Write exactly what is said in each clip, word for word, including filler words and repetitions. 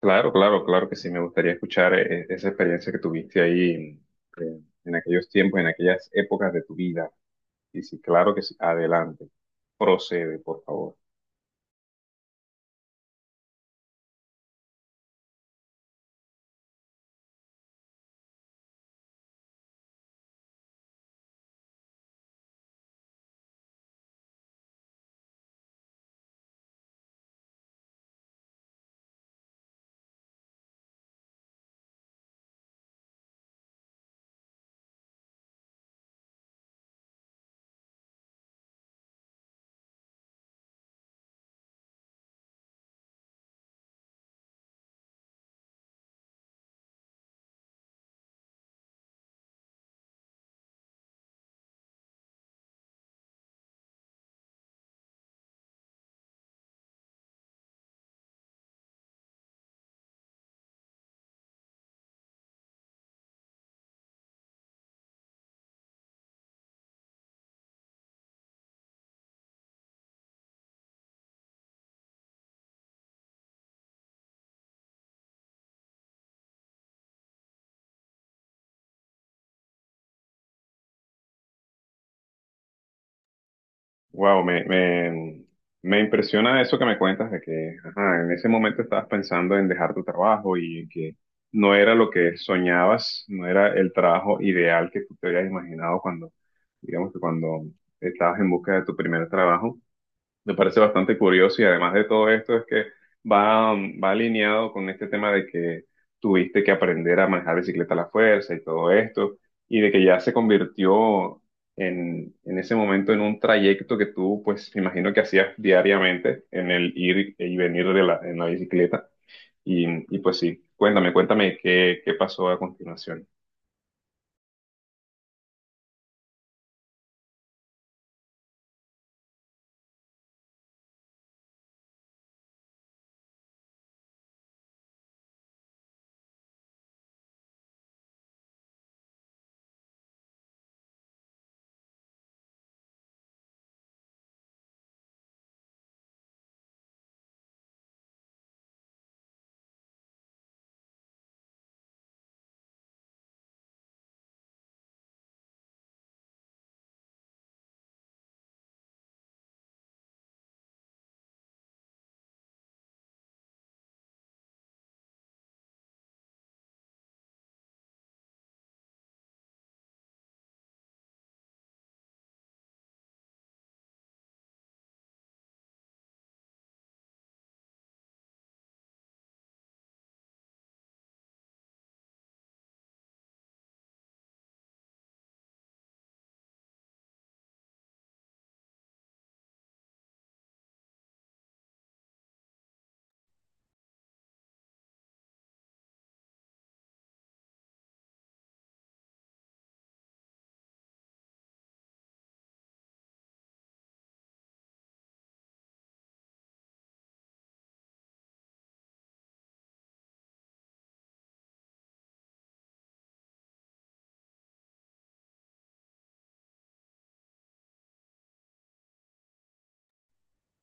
Claro, claro, claro que sí, me gustaría escuchar eh, esa experiencia que tuviste ahí en, en- en aquellos tiempos, en aquellas épocas de tu vida. Y sí, claro que sí, adelante, procede, por favor. Wow, me, me, me impresiona eso que me cuentas de que, ajá, en ese momento estabas pensando en dejar tu trabajo y en que no era lo que soñabas, no era el trabajo ideal que tú te habías imaginado cuando, digamos que cuando estabas en busca de tu primer trabajo. Me parece bastante curioso y además de todo esto es que va, mm, va alineado con este tema de que tuviste que aprender a manejar bicicleta a la fuerza y todo esto y de que ya se convirtió en, en ese momento en un trayecto que tú, pues, me imagino que hacías diariamente en el ir y venir de la, en la bicicleta y, y pues sí, cuéntame, cuéntame qué, qué pasó a continuación.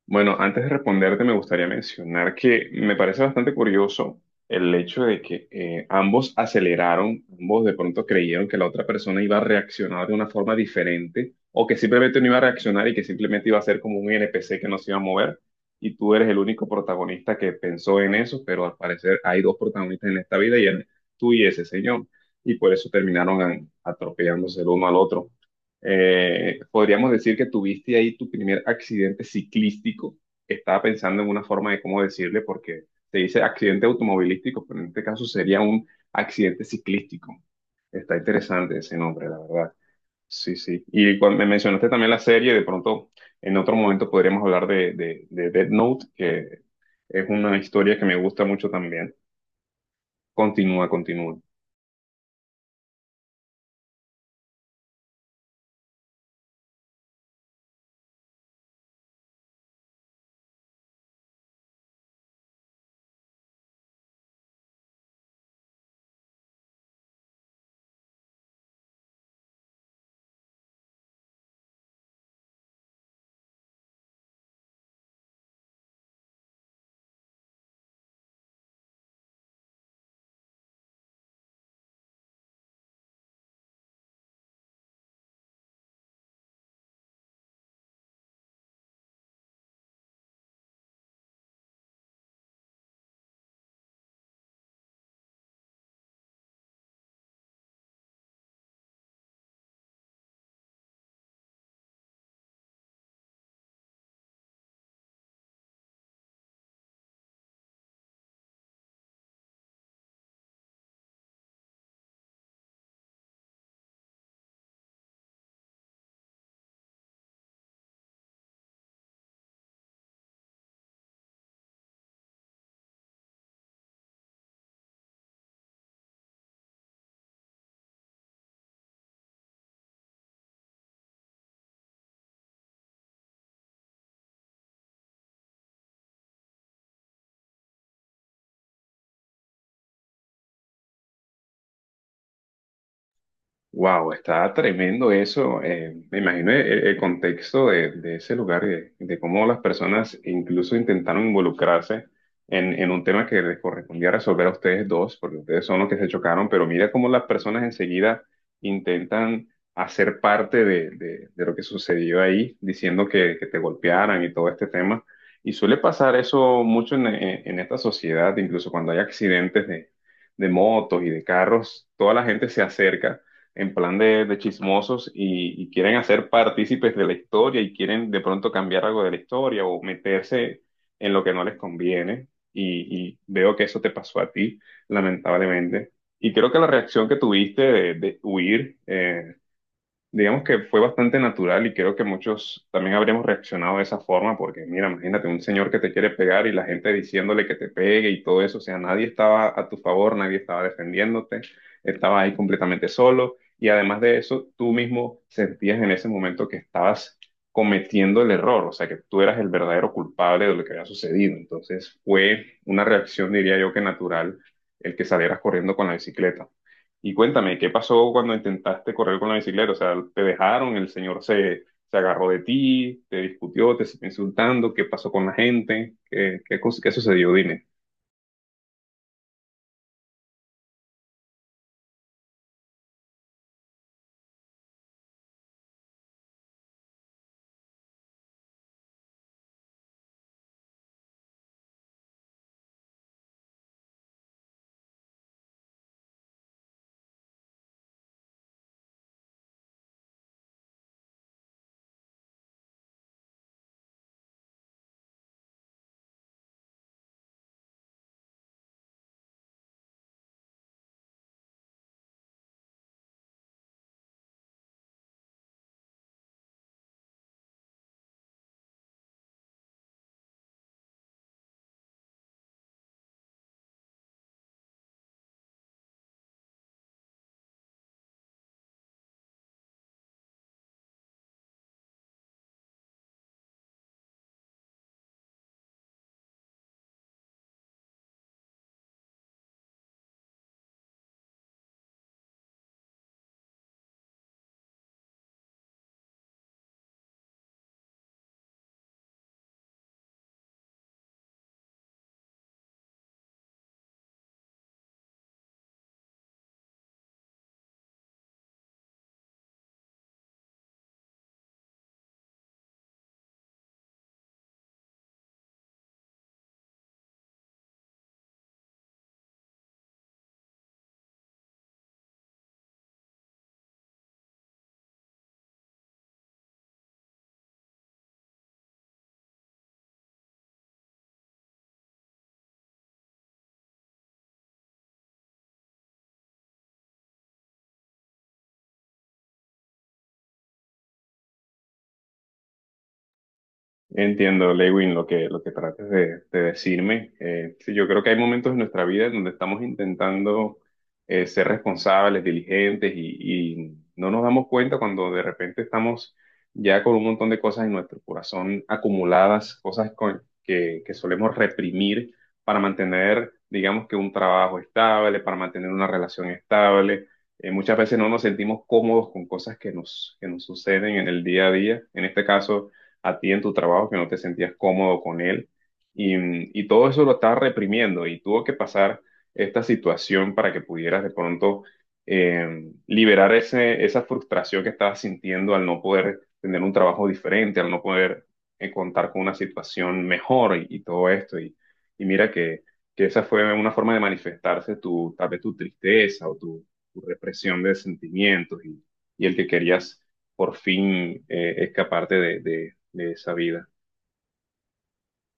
Bueno, antes de responderte, me gustaría mencionar que me parece bastante curioso el hecho de que eh, ambos aceleraron, ambos de pronto creyeron que la otra persona iba a reaccionar de una forma diferente o que simplemente no iba a reaccionar y que simplemente iba a ser como un N P C que no se iba a mover. Y tú eres el único protagonista que pensó en eso, pero al parecer hay dos protagonistas en esta vida y eres tú y ese señor. Y por eso terminaron a- atropellándose el uno al otro. Eh, podríamos decir que tuviste ahí tu primer accidente ciclístico. Estaba pensando en una forma de cómo decirle, porque se dice accidente automovilístico, pero en este caso sería un accidente ciclístico. Está interesante ese nombre, la verdad. Sí, sí. Y cuando me mencionaste también la serie, de pronto en otro momento podríamos hablar de, de, de Death Note, que es una historia que me gusta mucho también. Continúa, continúa. Wow, está tremendo eso. Eh, me imagino el, el contexto de, de ese lugar y de, de cómo las personas incluso intentaron involucrarse en, en un tema que les correspondía resolver a ustedes dos, porque ustedes son los que se chocaron, pero mira cómo las personas enseguida intentan hacer parte de, de- de lo que sucedió ahí, diciendo que, que te golpearan y todo este tema. Y suele pasar eso mucho en, en en esta sociedad, incluso cuando hay accidentes de de motos y de carros, toda la gente se acerca en plan de, de chismosos y, y quieren hacer partícipes de la historia y quieren de pronto cambiar algo de la historia o meterse en lo que no les conviene. Y, y veo que eso te pasó a ti, lamentablemente. Y creo que la reacción que tuviste de, de huir, eh, digamos que fue bastante natural y creo que muchos también habríamos reaccionado de esa forma, porque mira, imagínate un señor que te quiere pegar y la gente diciéndole que te pegue y todo eso, o sea, nadie estaba a tu favor, nadie estaba defendiéndote, estabas ahí completamente solo y además de eso, tú mismo sentías en ese momento que estabas cometiendo el error, o sea, que tú eras el verdadero culpable de lo que había sucedido, entonces fue una reacción, diría yo, que natural el que salieras corriendo con la bicicleta. Y cuéntame, ¿qué pasó cuando intentaste correr con la bicicleta? O sea, ¿te dejaron? ¿El señor se, se agarró de ti? ¿Te discutió? ¿Te siguió insultando? ¿Qué pasó con la gente? ¿Qué, qué, cos- qué sucedió? Dime. Entiendo, Lewin, lo que, lo que trates de, de decirme. Eh, sí, yo creo que hay momentos en nuestra vida en donde estamos intentando eh, ser responsables, diligentes y, y no nos damos cuenta cuando de repente estamos ya con un montón de cosas en nuestro corazón acumuladas, cosas con- que, que solemos reprimir para mantener, digamos que un trabajo estable, para mantener una relación estable. Eh, muchas veces no nos sentimos cómodos con cosas que nos, que nos suceden en el día a día. En este caso a ti en tu trabajo, que no te sentías cómodo con él. Y, y todo eso lo estaba reprimiendo y tuvo que pasar esta situación para que pudieras de pronto eh, liberar ese, esa frustración que estabas sintiendo al no poder tener un trabajo diferente, al no poder eh, contar con una situación mejor y, y todo esto. Y, y mira que, que esa fue una forma de manifestarse tu, tal vez tu tristeza o tu, tu represión de sentimientos y, y el que querías por fin eh, escaparte de, de, de esa vida.